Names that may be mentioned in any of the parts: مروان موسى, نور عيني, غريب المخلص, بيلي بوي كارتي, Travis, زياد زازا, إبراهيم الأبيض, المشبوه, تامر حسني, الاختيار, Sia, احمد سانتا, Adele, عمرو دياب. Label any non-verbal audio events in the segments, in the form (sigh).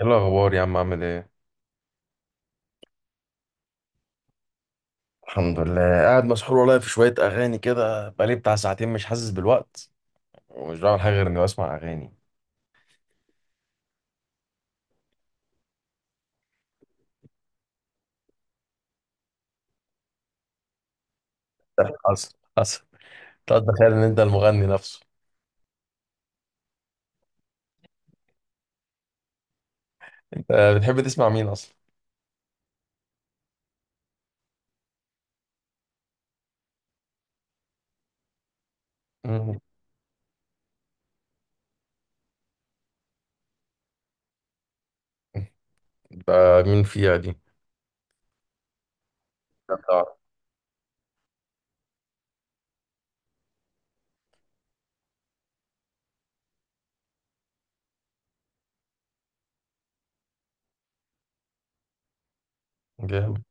ايه الاخبار يا عم؟ عامل ايه؟ الحمد لله، قاعد مسحول والله في شوية أغاني كده، بقالي بتاع ساعتين مش حاسس بالوقت، ومش بعمل حاجة غير إني بسمع أغاني. حصل حصل. تقعد تخيل إن أنت المغني نفسه. أنت بتحب تسمع مين أصلا؟ (laughs) مم. ده مين فيها دي؟ ده بتاع- جامد.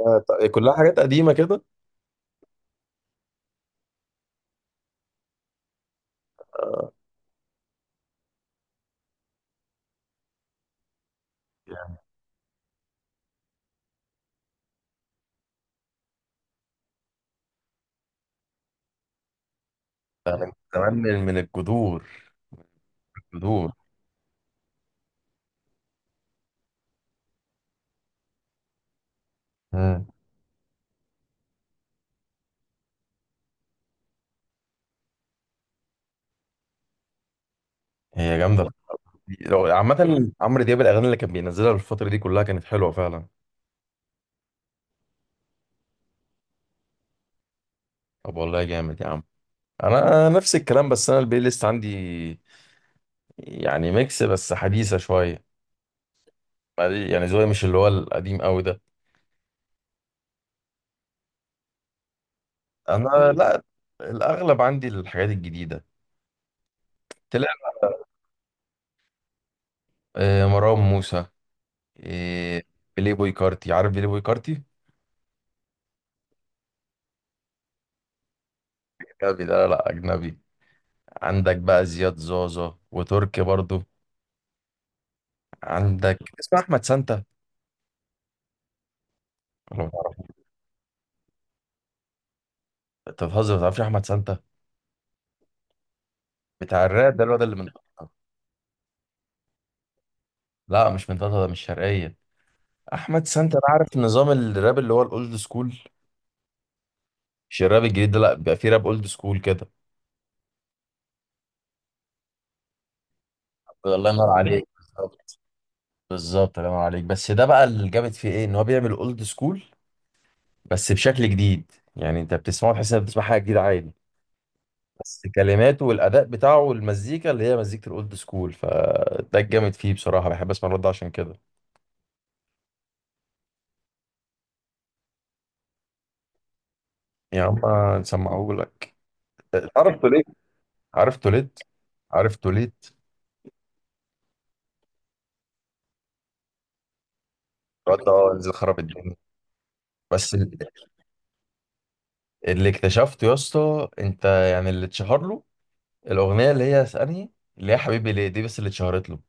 طيب، كلها حاجات قديمة كده. ده من زمان، من الجذور. الجذور. مم. هي جامده. عامه عمرو دياب، الاغاني اللي كان بينزلها الفتره دي كلها كانت حلوه فعلا. طب والله جامد يا عم. انا أنا نفس الكلام، بس انا البلاي ليست عندي يعني ميكس بس حديثه شويه. يعني ذوقي مش اللي هو القديم قوي ده. انا مم. لا، الاغلب عندي الحاجات الجديده. تلاقي مروان موسى، آه، بيلي بوي كارتي. عارف بيلي بوي كارتي؟ اجنبي ده، لا اجنبي. عندك بقى زياد زازا وتركي برضو. عندك اسمه احمد سانتا، ولا ما تعرفوش؟ انت بتهزر، ما تعرفش احمد سانتا؟ بتاع الراب ده، الواد اللي من طنطا. لا مش من طنطا، ده مش شرقيه. احمد سانتا، انا عارف نظام الراب اللي هو الاولد سكول. مش الراب الجديد ده، لا، بيبقى فيه راب اولد سكول كده. الله ينور عليك، بالظبط. بالظبط الله ينور عليك. بس ده بقى اللي جامد فيه ايه، ان هو بيعمل اولد سكول بس بشكل جديد. يعني انت بتسمعه تحس انك بتسمع حاجه جديده عادي، بس كلماته والاداء بتاعه والمزيكا اللي هي مزيكه الاولد سكول، فده الجامد فيه بصراحه. بحب اسمع الرد عشان كده. يا عم نسمعه لك. عرفت ليه؟ عرفت ليه؟ عرفت ليه؟ الرد، اه، نزل خرب الدنيا. بس اللي اكتشفته يا اسطى انت، يعني اللي اتشهر له، الاغنيه اللي هي اسألني، اللي هي حبيبي ليه، دي بس اللي اتشهرت له.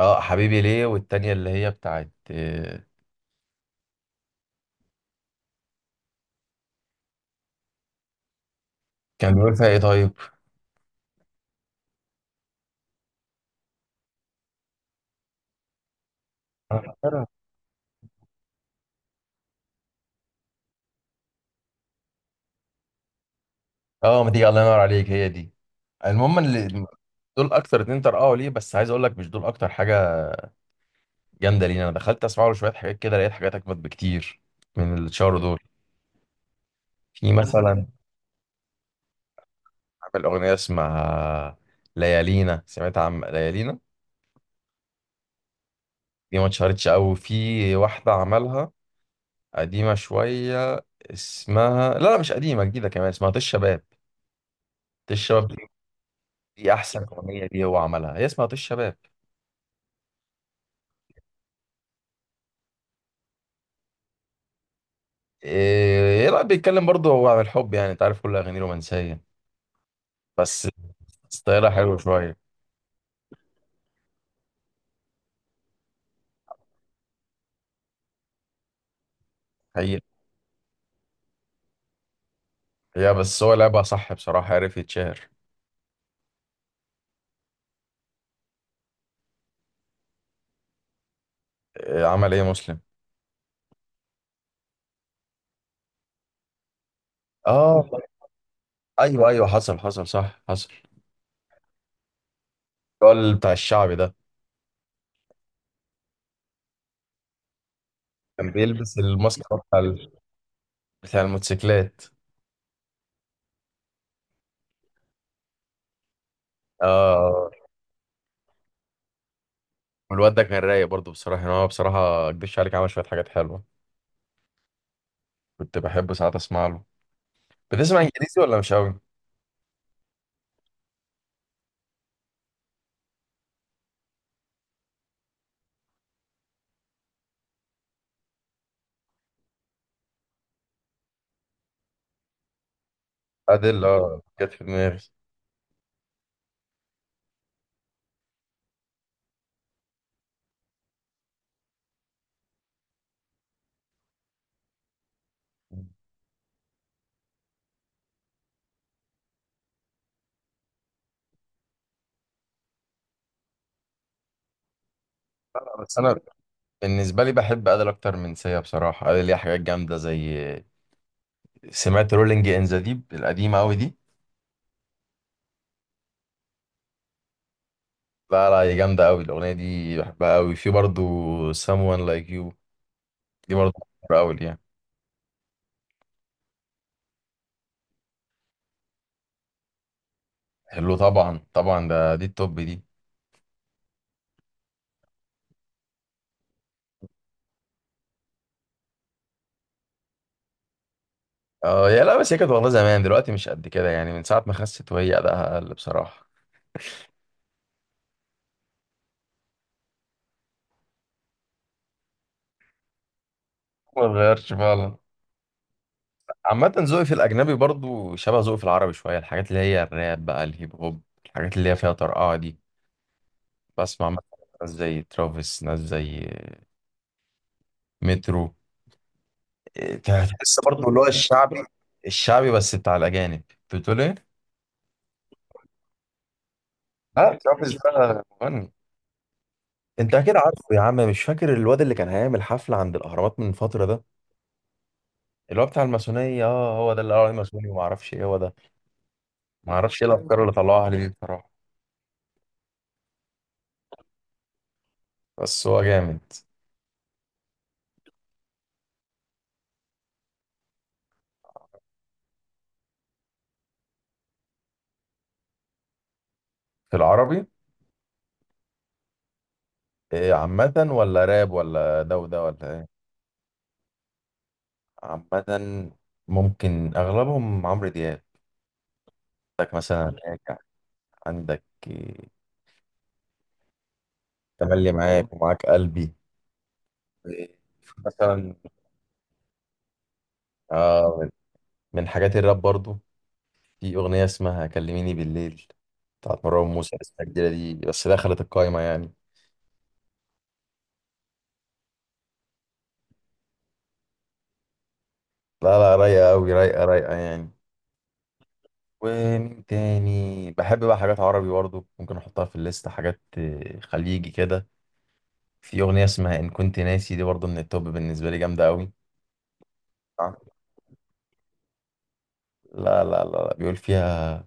اه حبيبي ليه، والتانية اللي هي بتاعت كان بيقول فيها ايه طيب؟ أنا فاكرها. اه ما تيجي، الله ينور عليك، هي دي. المهم اللي، دول اكتر اتنين طرقعوا ليه، بس عايز اقول لك مش دول اكتر حاجه جامده لينا. انا دخلت اسمع له شويه حاجات كده، لقيت حاجات اجمد بكتير من اللي اتشهروا دول. في مثلا، عامل اغنيه اسمها ليالينا. سمعت عن ليالينا؟ دي ما اتشهرتش قوي. في واحده عملها قديمة شوية اسمها، لا لا مش قديمة، جديدة كمان، اسمها طش شباب. طش شباب دي، دي أحسن أغنية، دي هو عملها، هي اسمها طش شباب. إيه، لا بيتكلم برضه هو عن الحب. يعني أنت عارف كل أغانيه رومانسية، بس ستايلها حلو شوية. حقيقة. هي بس هو لعبها صح بصراحة، عرف يتشهر. إيه عمل إيه مسلم؟ آه أيوه أيوه، حصل حصل، صح حصل. الراجل بتاع الشعبي ده كان بيلبس الماسك بتاع الموتوسيكلات. آه. والواد ده كان رايق برضه بصراحة. يعني هو بصراحة ما اكدبش عليك، عمل شوية حاجات حلوة. كنت بحب ساعات اسمع له. بتسمع انجليزي ولا مش قوي؟ ادل، اه، جت في دماغي. بس انا بالنسبة لي بحب ادل اكتر من سيا بصراحة. ادل ليها حاجات جامدة، زي، سمعت رولينج ان ذا ديب القديمة قوي دي؟ لا لا، هي جامدة قوي الاغنية دي، بحبها قوي. في برضه someone like you، دي برضه بحبها قوي يعني. حلو طبعا، طبعا ده، دي التوب دي. اه، يا لا، بس هي كانت والله زمان، دلوقتي مش قد كده. يعني من ساعة ما خست وهي أداءها أقل بصراحة، ما اتغيرش فعلا. عامة ذوقي في الأجنبي برضو شبه ذوقي في العربي شوية، الحاجات اللي هي الراب بقى، الهيب هوب، الحاجات اللي هي فيها طرقعة دي. بسمع مثلا ناس زي ترافيس، ناس زي مترو. إيه، تحس برضو اللي هو الشعبي. الشعبي بس بتاع الأجانب. بتقول إيه؟ لا ترافيس ده مغني. أنت أكيد عارفه يا عم، مش فاكر الواد اللي كان هيعمل حفلة عند الأهرامات من فترة ده؟ اللي هو بتاع الماسونية، اه هو ده، اللي قال عليه ماسوني وما أعرفش إيه، هو ده. ما أعرفش إيه الأفكار اللي طلعوها عليه دي بصراحة، بس هو جامد. في العربي، إيه، عامة ولا راب ولا ده وده ولا ايه؟ عامة. ممكن اغلبهم عمرو دياب. عندك مثلا راجع، عندك إيه، تملي معاك ومعاك قلبي، إيه، مثلا. آه، من حاجات الراب برضو، في اغنية اسمها كلميني بالليل بتاعت مروان موسى، لسه الجديدة دي بس دخلت القايمة يعني. لا لا، رايقة أوي، رايقة رايقة يعني. ومين تاني بحب بقى؟ حاجات عربي برضو ممكن أحطها في الليست، حاجات خليجي كده. في أغنية اسمها إن كنت ناسي، دي برضه من التوب بالنسبة لي، جامدة أوي. آه. لا لا لا لا، بيقول فيها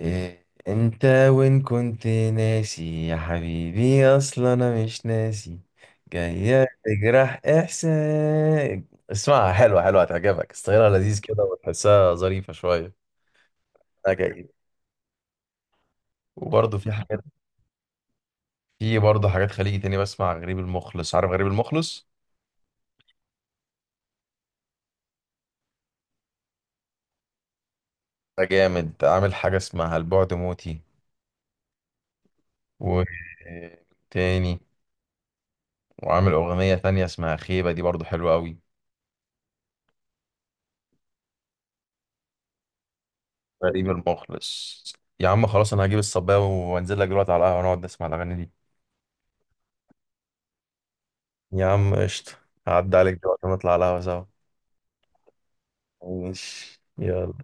إيه، أنت وإن كنت ناسي يا حبيبي أصلا أنا مش ناسي، جاية تجرح إحساس. اسمعها، حلوة حلوة، هتعجبك. ستايلها لذيذ كده، وتحسها ظريفة شوية. أكيد. وبرضه في حاجات، في برضه حاجات خليجي تاني بسمع، غريب المخلص. عارف غريب المخلص؟ ده جامد، عامل حاجة اسمها البعد موتي، و تاني، وعامل أغنية تانية اسمها خيبة، دي برضو حلوة أوي. غريب المخلص. يا عم خلاص، أنا هجيب الصباية وأنزل لك دلوقتي على القهوة، ونقعد نسمع الأغاني دي. يا عم قشطة. هعدي عليك دلوقتي ونطلع على القهوة سوا. ماشي، يلا.